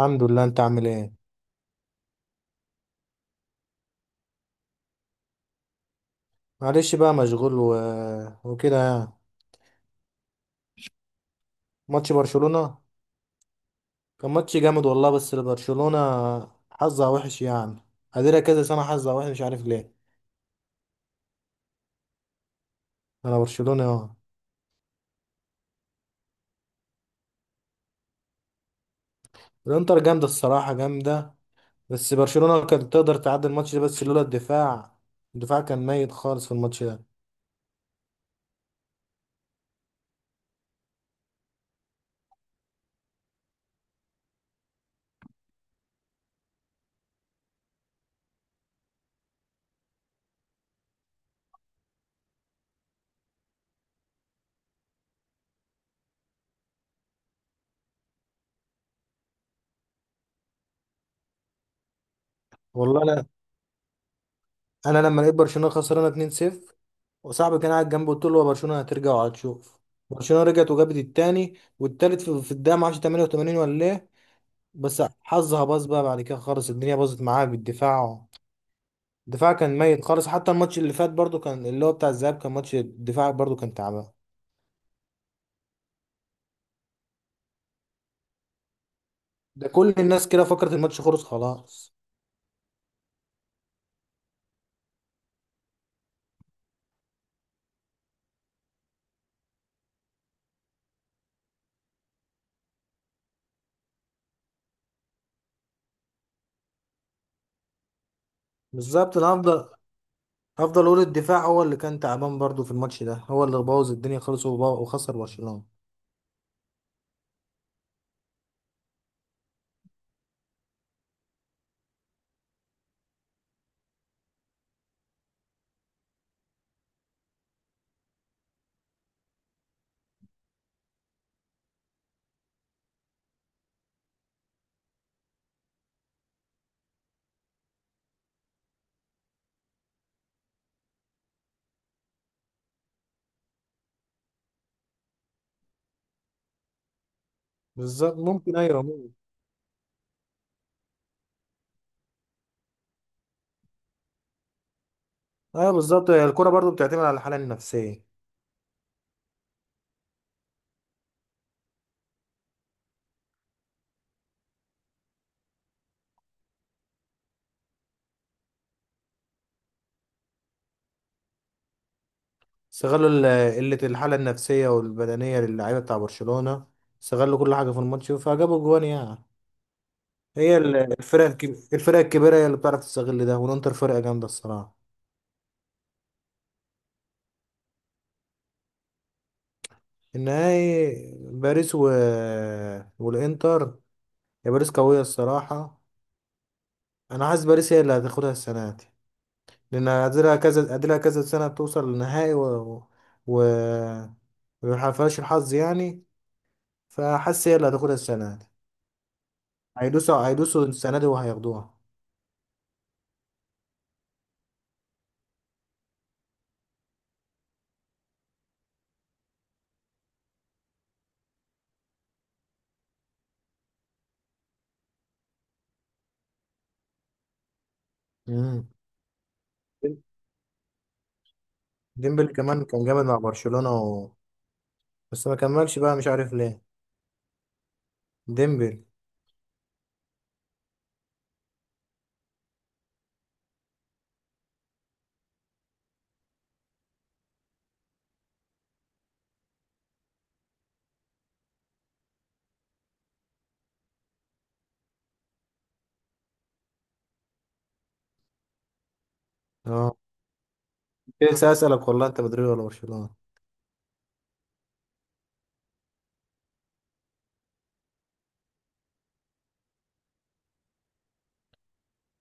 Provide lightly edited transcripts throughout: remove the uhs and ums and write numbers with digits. الحمد لله. انت عامل ايه؟ معلش بقى مشغول وكده يعني. ماتش برشلونة كان ماتش جامد والله. بس برشلونة حظها وحش يعني، قادرة كذا سنة حظها وحش مش عارف ليه. انا برشلونة اه. الانتر جامدة الصراحة، جامدة. بس برشلونة كانت تقدر تعدي الماتش ده بس لولا الدفاع. الدفاع كان ميت خالص في الماتش ده. والله انا لما لقيت برشلونة خسرانة 2-0، وصاحبي كان قاعد جنبي قلت له هو برشلونة هترجع وهتشوف. برشلونة رجعت وجابت التاني والتالت في الدقيقة ما اعرفش 88 ولا ايه. بس حظها باظ بقى بعد كده خالص، الدنيا باظت معاها بالدفاع. الدفاع كان ميت خالص. حتى الماتش اللي فات برضو كان اللي هو بتاع الذهاب، كان ماتش الدفاع برضو كان تعبان. ده كل الناس كده فكرت الماتش خلص خلاص. بالظبط. انا هفضل اقول الدفاع هو اللي كان تعبان برضو في الماتش ده، هو اللي بوظ الدنيا خالص وخسر برشلونة. بالظبط، ممكن، ايوه ممكن. ايوه بالظبط، هي الكرة برضو بتعتمد على الحالة النفسية. استغلوا قلة الحالة النفسية والبدنية للاعيبة بتاع برشلونة، استغلوا كل حاجة في الماتش فجابوا جوان يعني. هي الفرق الكبيرة هي اللي بتعرف تستغل ده. والانتر فرقة جامدة الصراحة. النهائي باريس والانتر. يا باريس قوية الصراحة. انا حاسس باريس هي اللي هتاخدها السنة دي، لان قادلها كذا سنة توصل للنهائي و و ومحققهاش الحظ يعني. فحاسس هي اللي هتاخدها السنة دي. هيدوسوا السنة دي وهياخدوها. مم. ديمبلي كمان كان جامد مع برشلونة بس ما كملش بقى مش عارف ليه. ديمبلي. اه، لسه اسالك والله، انت مدريد ولا برشلونه؟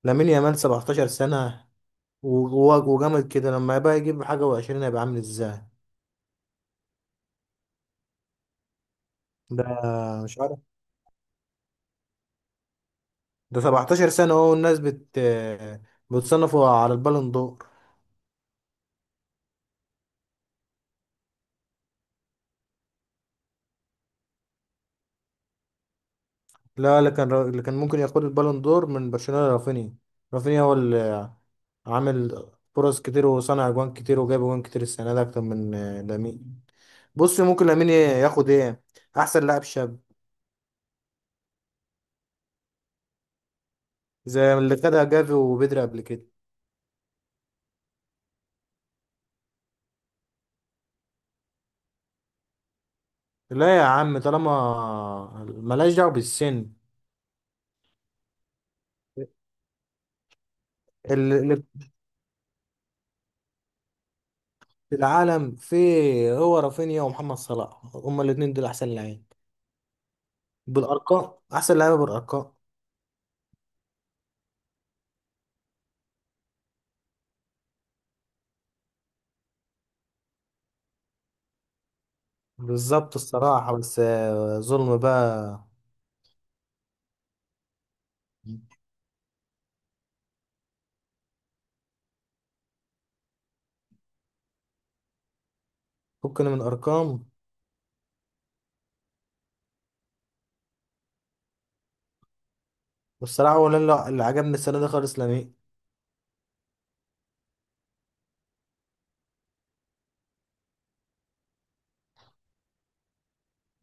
لامين يامال 17 سنه و- وجامد كده. لما يبقى يجيب حاجه و20 هيبقى عامل ازاي؟ ده مش عارف، ده 17 سنه اهو، الناس بتصنفه على البالون دور. لا، اللي كان ممكن ياخد البالون دور من برشلونه رافينيا هو اللي عامل فرص كتير وصنع اجوان كتير وجاب اجوان كتير السنه دي اكتر من لامين. بص، ممكن لامين ياخد ايه؟ احسن لاعب شاب، زي اللي خدها جافي وبدري قبل كده. لا يا عم، طالما ملهاش دعوة بالسن. اللي في العالم فيه هو رافينيا ومحمد صلاح، هما الاتنين دول أحسن لعيب بالأرقام، أحسن لعيبة بالأرقام. بالظبط الصراحة. بس ظلم بقى. فكنا من أرقام. والصراحة ولا لا، اللي عجبني السنة دي خالص لامين.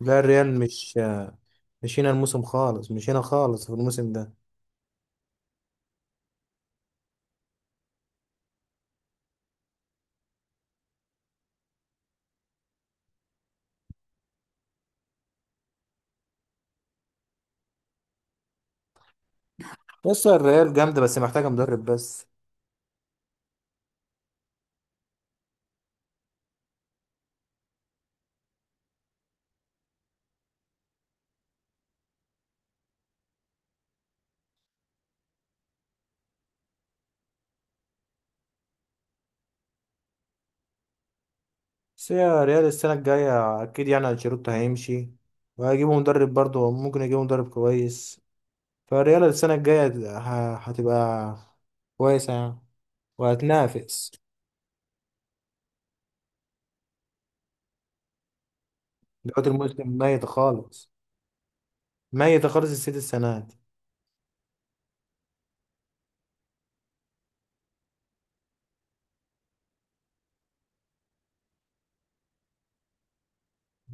لا الريال مش مش هنا الموسم خالص، مش هنا خالص في الموسم ده. بس الريال جامدة بس محتاجة مدرب بس. بس هي ريال السنة الجاية أكيد، يعني أنشيلوتي هيمشي وهيجيبوا مدرب، برضه ممكن يجيبوا مدرب كويس. فالريال السنة الجاية هتبقى كويسة يعني، وهتنافس. دلوقتي الموسم ميت خالص. ميت خالص السيتي السنة دي.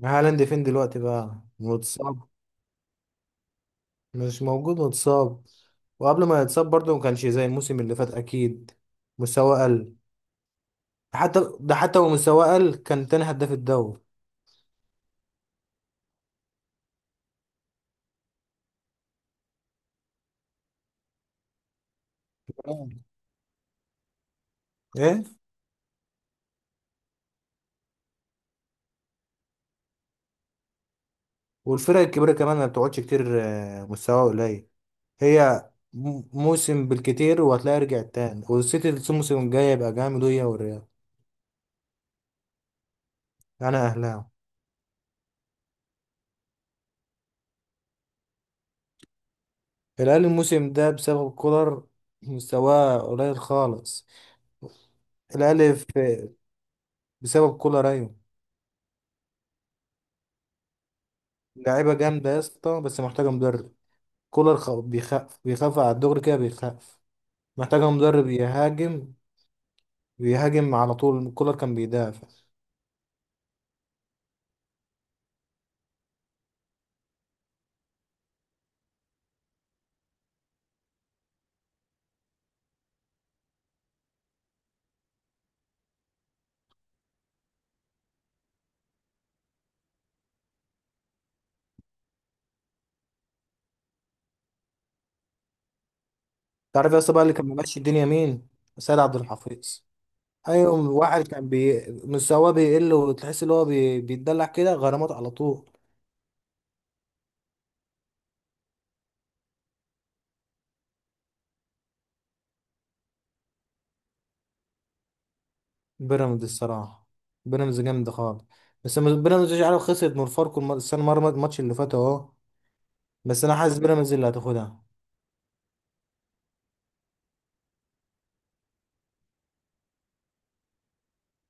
هالاند فين دلوقتي بقى؟ متصاب. مش موجود، متصاب. وقبل ما يتصاب برضه ما كانش زي الموسم اللي فات أكيد، مستواه قل. حتى ومستواه قل كان تاني هداف الدوري. إيه. والفرق الكبيرة كمان ما بتقعدش كتير مستوى قليل. هي موسم بالكتير وهتلاقي رجعت تاني، والسيتي الموسم الجاي يبقى جامد، وهي والريال. أنا أهلاوي. الأهلي الموسم ده بسبب كولر مستواه قليل خالص. الأهلي في- بسبب كولر أيوة. لعيبة جامدة يا اسطى، بس محتاجة مدرب. كولر بيخاف، بيخاف على الدغري كده بيخاف. محتاجة مدرب يهاجم، بيهاجم على طول. كولر كان بيدافع. تعرف يا اسطى بقى اللي كان ماشي الدنيا مين؟ سيد عبد الحفيظ. ايوه، واحد كان مستواه بيقل وتحس ان هو بيتدلع كده، غرامات على طول. بيراميدز الصراحه. بيراميدز جامد خالص. بس بيراميدز مش عارف خسرت من فاركو السنه مره، الماتش اللي فات اهو. بس انا حاسس بيراميدز اللي هتاخدها.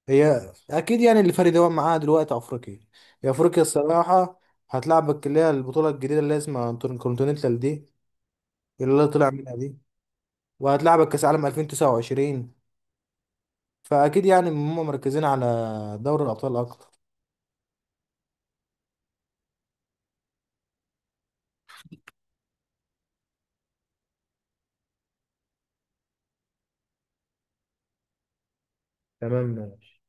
هي اكيد، يعني اللي فارق هو معاها دلوقتي افريقيا. هي افريقيا الصراحه. هتلعبك اللي هي البطوله الجديده اللي اسمها انتر كونتيننتال دي، اللي طلع منها دي، وهتلعبك كاس عالم 2029. فاكيد يعني هم مركزين على دوري الابطال اكتر. تمام، ماشي.